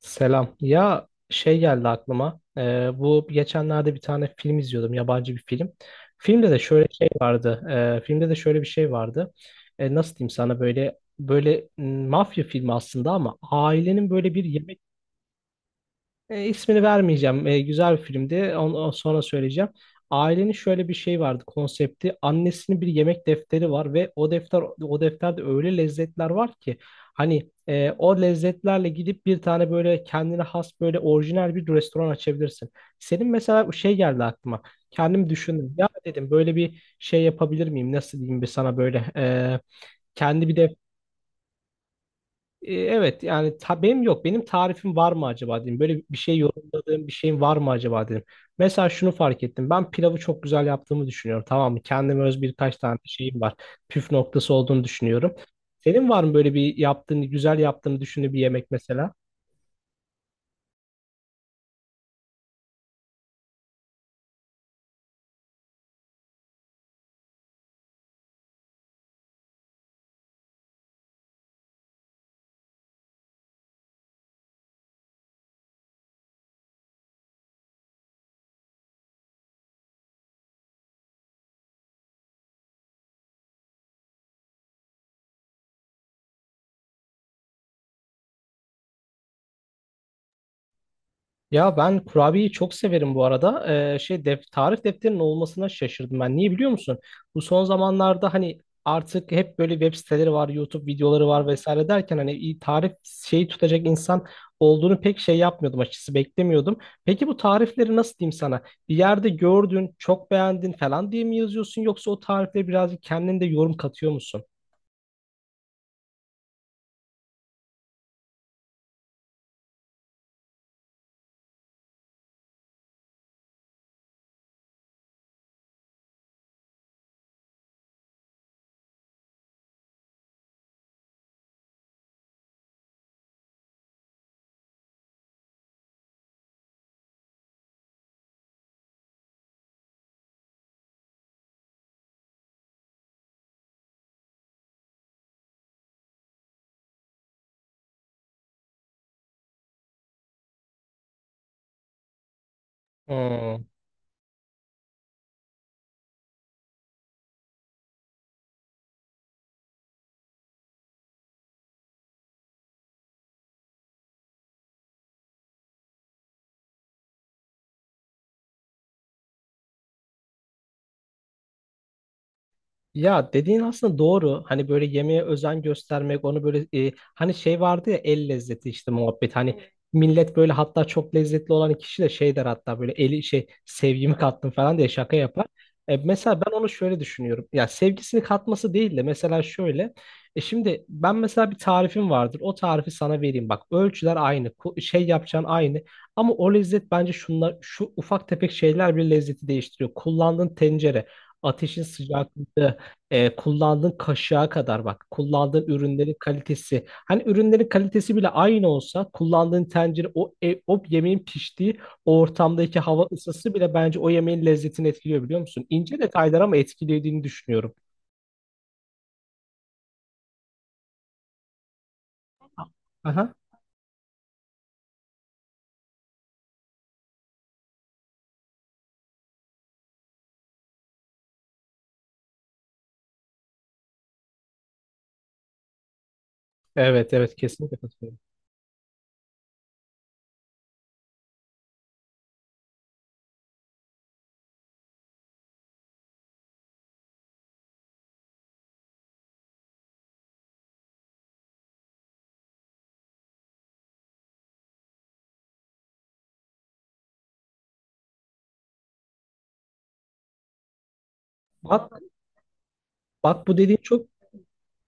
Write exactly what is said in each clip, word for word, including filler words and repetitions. Selam. Ya şey geldi aklıma. Ee, bu geçenlerde bir tane film izliyordum. Yabancı bir film. Filmde de şöyle şey vardı. ee, filmde de şöyle bir şey vardı. Ee, nasıl diyeyim sana böyle böyle m, mafya filmi aslında ama ailenin böyle bir yemek e, ismini vermeyeceğim. E, güzel bir filmdi. Onu sonra söyleyeceğim. Ailenin şöyle bir şey vardı konsepti. Annesinin bir yemek defteri var ve o defter o defterde öyle lezzetler var ki hani e, o lezzetlerle gidip bir tane böyle kendine has böyle orijinal bir restoran açabilirsin. Senin mesela şey geldi aklıma. Kendim düşündüm. Ya dedim böyle bir şey yapabilir miyim? Nasıl diyeyim bir sana böyle e, kendi bir e, Evet yani ta, benim yok. Benim tarifim var mı acaba dedim. Böyle bir şey yorumladığım bir şeyim var mı acaba dedim. Mesela şunu fark ettim. Ben pilavı çok güzel yaptığımı düşünüyorum. Tamam mı? Kendime öz birkaç tane şeyim var. Püf noktası olduğunu düşünüyorum. Senin var mı böyle bir yaptığını, güzel yaptığını düşündüğün bir yemek mesela? Ya ben kurabiyeyi çok severim bu arada. Ee, şey def tarif defterinin olmasına şaşırdım ben. Niye biliyor musun? Bu son zamanlarda hani artık hep böyle web siteleri var, YouTube videoları var vesaire derken hani iyi tarif şeyi tutacak insan olduğunu pek şey yapmıyordum, açıkçası beklemiyordum. Peki bu tarifleri nasıl diyeyim sana? Bir yerde gördün, çok beğendin falan diye mi yazıyorsun, yoksa o tarifleri birazcık kendin de yorum katıyor musun? Hmm. Ya dediğin aslında doğru. Hani böyle yemeğe özen göstermek, onu böyle e, hani şey vardı ya, el lezzeti işte, muhabbet. Hani evet, millet böyle, hatta çok lezzetli olan kişi de şey der, hatta böyle eli şey sevgimi kattım falan diye şaka yapar. E, mesela ben onu şöyle düşünüyorum. Ya sevgisini katması değil de mesela şöyle. E şimdi ben mesela bir tarifim vardır. O tarifi sana vereyim. Bak ölçüler aynı, ku- şey yapacağın aynı. Ama o lezzet bence şunlar, şu ufak tefek şeyler bile lezzeti değiştiriyor. Kullandığın tencere, ateşin sıcaklığı, e, kullandığın kaşığa kadar bak. Kullandığın ürünlerin kalitesi. Hani ürünlerin kalitesi bile aynı olsa kullandığın tencere, o, e, o yemeğin piştiği o ortamdaki hava ısısı bile bence o yemeğin lezzetini etkiliyor biliyor musun? İnce detaylar ama etkilediğini düşünüyorum. Aha. Evet, evet, kesinlikle katılıyorum. Bak, bak bu dediğin çok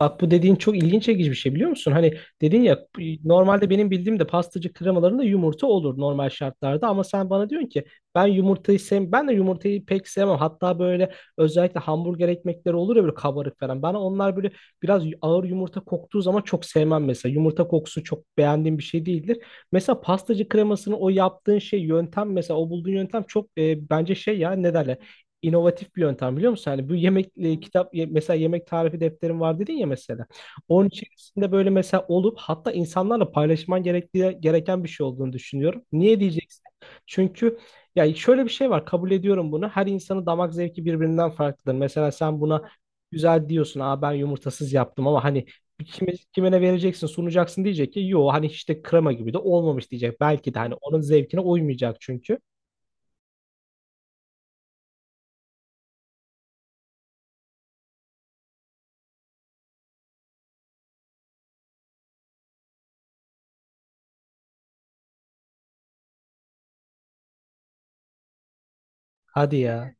Bak bu dediğin çok ilginç, çekici bir şey biliyor musun? Hani dedin ya, normalde benim bildiğim de pastacı kremalarında yumurta olur normal şartlarda, ama sen bana diyorsun ki ben yumurtayı sev, ben de yumurtayı pek sevmem. Hatta böyle özellikle hamburger ekmekleri olur ya, böyle kabarık falan. Ben onlar böyle biraz ağır yumurta koktuğu zaman çok sevmem mesela. Yumurta kokusu çok beğendiğim bir şey değildir. Mesela pastacı kremasını o yaptığın şey yöntem, mesela o bulduğun yöntem çok e, bence şey, ya ne derler? İnovatif bir yöntem biliyor musun? Hani bu yemek e, kitap ye- mesela yemek tarifi defterim var dedin ya mesela. Onun içerisinde böyle mesela olup hatta insanlarla paylaşman gerektiği gereken bir şey olduğunu düşünüyorum. Niye diyeceksin? Çünkü ya şöyle bir şey var, kabul ediyorum bunu. Her insanın damak zevki birbirinden farklıdır. Mesela sen buna güzel diyorsun. Aa ben yumurtasız yaptım ama hani kime, kime ne vereceksin, sunacaksın diyecek ki yo hani işte krema gibi de olmamış diyecek. Belki de hani onun zevkine uymayacak çünkü. Hadi ya.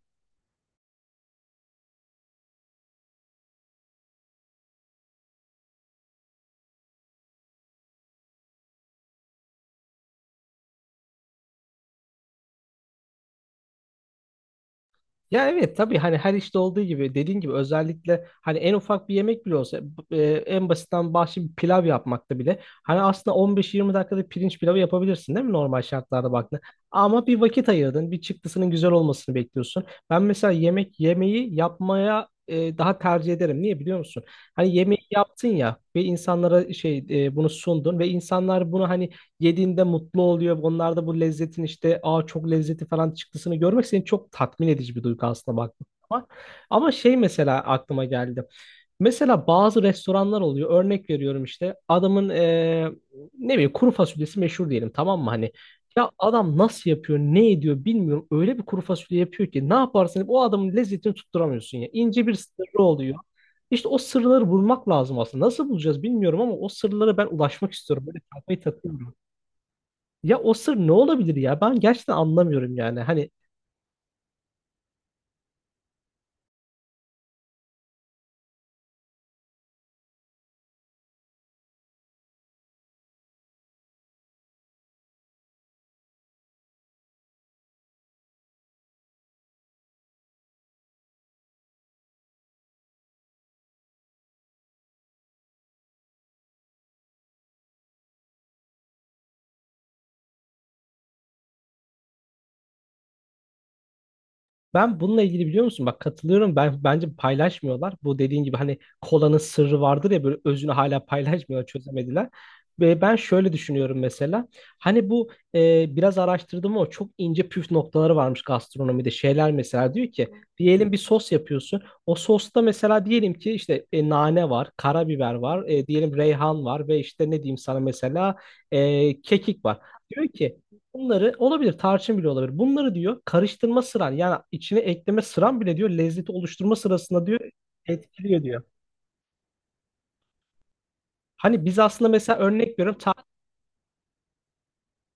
Ya evet tabii, hani her işte olduğu gibi dediğin gibi özellikle hani en ufak bir yemek bile olsa, b- e, en basitten bahşiş bir pilav yapmakta bile hani aslında on beş yirmi dakikada pirinç pilavı yapabilirsin değil mi normal şartlarda baktığında, ama bir vakit ayırdın, bir çıktısının güzel olmasını bekliyorsun. Ben mesela yemek yemeği yapmaya e, daha tercih ederim. Niye biliyor musun? Hani yemeği yaptın ya ve insanlara şey e, bunu sundun ve insanlar bunu hani yediğinde mutlu oluyor. Onlar da bu lezzetin işte aa çok lezzeti falan çıktısını görmek seni çok tatmin edici bir duygu aslında baktığın zaman. Ama şey mesela aklıma geldi. Mesela bazı restoranlar oluyor. Örnek veriyorum işte adamın eee, ne bileyim kuru fasulyesi meşhur diyelim tamam mı hani. Ya adam nasıl yapıyor, ne ediyor bilmiyorum. Öyle bir kuru fasulye yapıyor ki ne yaparsan yap, o adamın lezzetini tutturamıyorsun ya. İnce bir sırrı oluyor. İşte o sırları bulmak lazım aslında. Nasıl bulacağız bilmiyorum ama o sırlara ben ulaşmak istiyorum. Böyle kafayı takıyorum. Ya o sır ne olabilir ya? Ben gerçekten anlamıyorum yani. Hani ben bununla ilgili biliyor musun? Bak katılıyorum. Ben bence paylaşmıyorlar. Bu dediğin gibi hani kolanın sırrı vardır ya, böyle özünü hala paylaşmıyorlar, çözemediler. Ve ben şöyle düşünüyorum mesela. Hani bu e, biraz araştırdım, o çok ince püf noktaları varmış gastronomide. Şeyler mesela diyor ki, diyelim bir sos yapıyorsun. O sosta mesela diyelim ki işte e, nane var, karabiber var, e, diyelim reyhan var ve işte ne diyeyim sana mesela e, kekik var. Diyor ki bunları olabilir tarçın bile olabilir. Bunları diyor karıştırma sıran, yani içine ekleme sıran bile diyor lezzeti oluşturma sırasında diyor etkiliyor diyor. Hani biz aslında mesela örnek veriyorum,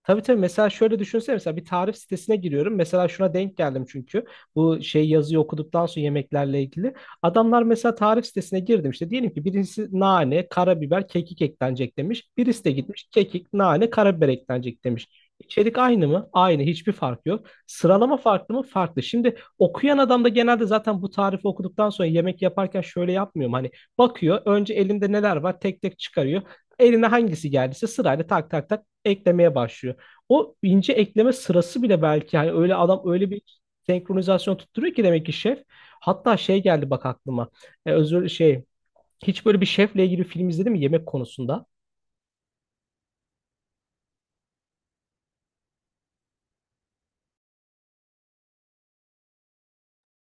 tabii tabii mesela şöyle düşünsene, mesela bir tarif sitesine giriyorum. Mesela şuna denk geldim, çünkü bu şey yazıyı okuduktan sonra yemeklerle ilgili. Adamlar mesela tarif sitesine girdim, işte diyelim ki birisi nane, karabiber, kekik eklenecek demiş. Birisi de gitmiş kekik, nane, karabiber eklenecek demiş. İçerik aynı mı? Aynı. Hiçbir fark yok. Sıralama farklı mı? Farklı. Şimdi okuyan adam da genelde zaten bu tarifi okuduktan sonra yemek yaparken şöyle yapmıyorum. Hani bakıyor önce elimde neler var tek tek çıkarıyor. Eline hangisi geldiyse sırayla tak tak tak eklemeye başlıyor. O ince ekleme sırası bile belki hani öyle adam öyle bir senkronizasyon tutturuyor ki, demek ki şef. Hatta şey geldi bak aklıma. E, özür şey hiç böyle bir şefle ilgili film izledin mi yemek konusunda?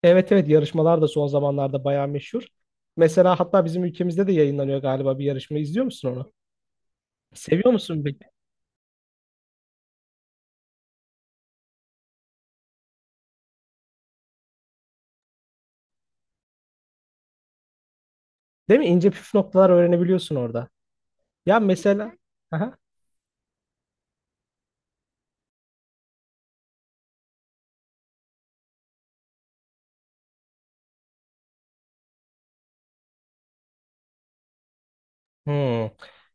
Evet, evet, yarışmalar da son zamanlarda bayağı meşhur. Mesela hatta bizim ülkemizde de yayınlanıyor galiba bir yarışma. İzliyor musun onu? Seviyor musun peki? Değil mi? İnce püf noktalar öğrenebiliyorsun orada. Ya mesela Hmm.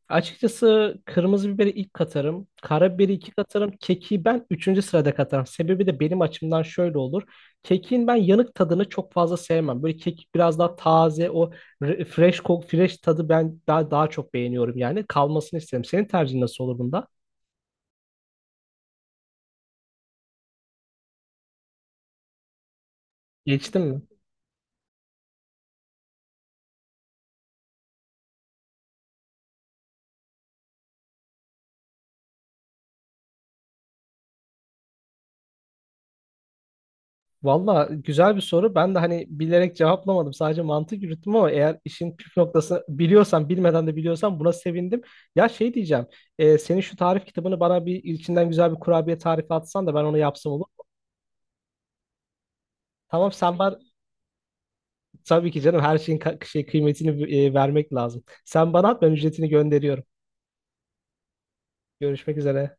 Açıkçası kırmızı biberi ilk katarım. Karabiberi iki katarım. Keki ben üçüncü sırada katarım. Sebebi de benim açımdan şöyle olur. Kekin ben yanık tadını çok fazla sevmem. Böyle kek biraz daha taze, o re- fresh kok, fresh tadı ben daha daha çok beğeniyorum yani. Kalmasını isterim. Senin tercihin nasıl olur bunda? Geçtim mi? Valla güzel bir soru. Ben de hani bilerek cevaplamadım. Sadece mantık yürüttüm, ama eğer işin püf noktasını biliyorsan, bilmeden de biliyorsan buna sevindim. Ya şey diyeceğim. E, senin şu tarif kitabını bana bir içinden güzel bir kurabiye tarifi atsan da ben onu yapsam olur mu? Tamam sen bana, tabii ki canım her şeyin ka- şey kıymetini e, vermek lazım. Sen bana at, ben ücretini gönderiyorum. Görüşmek üzere.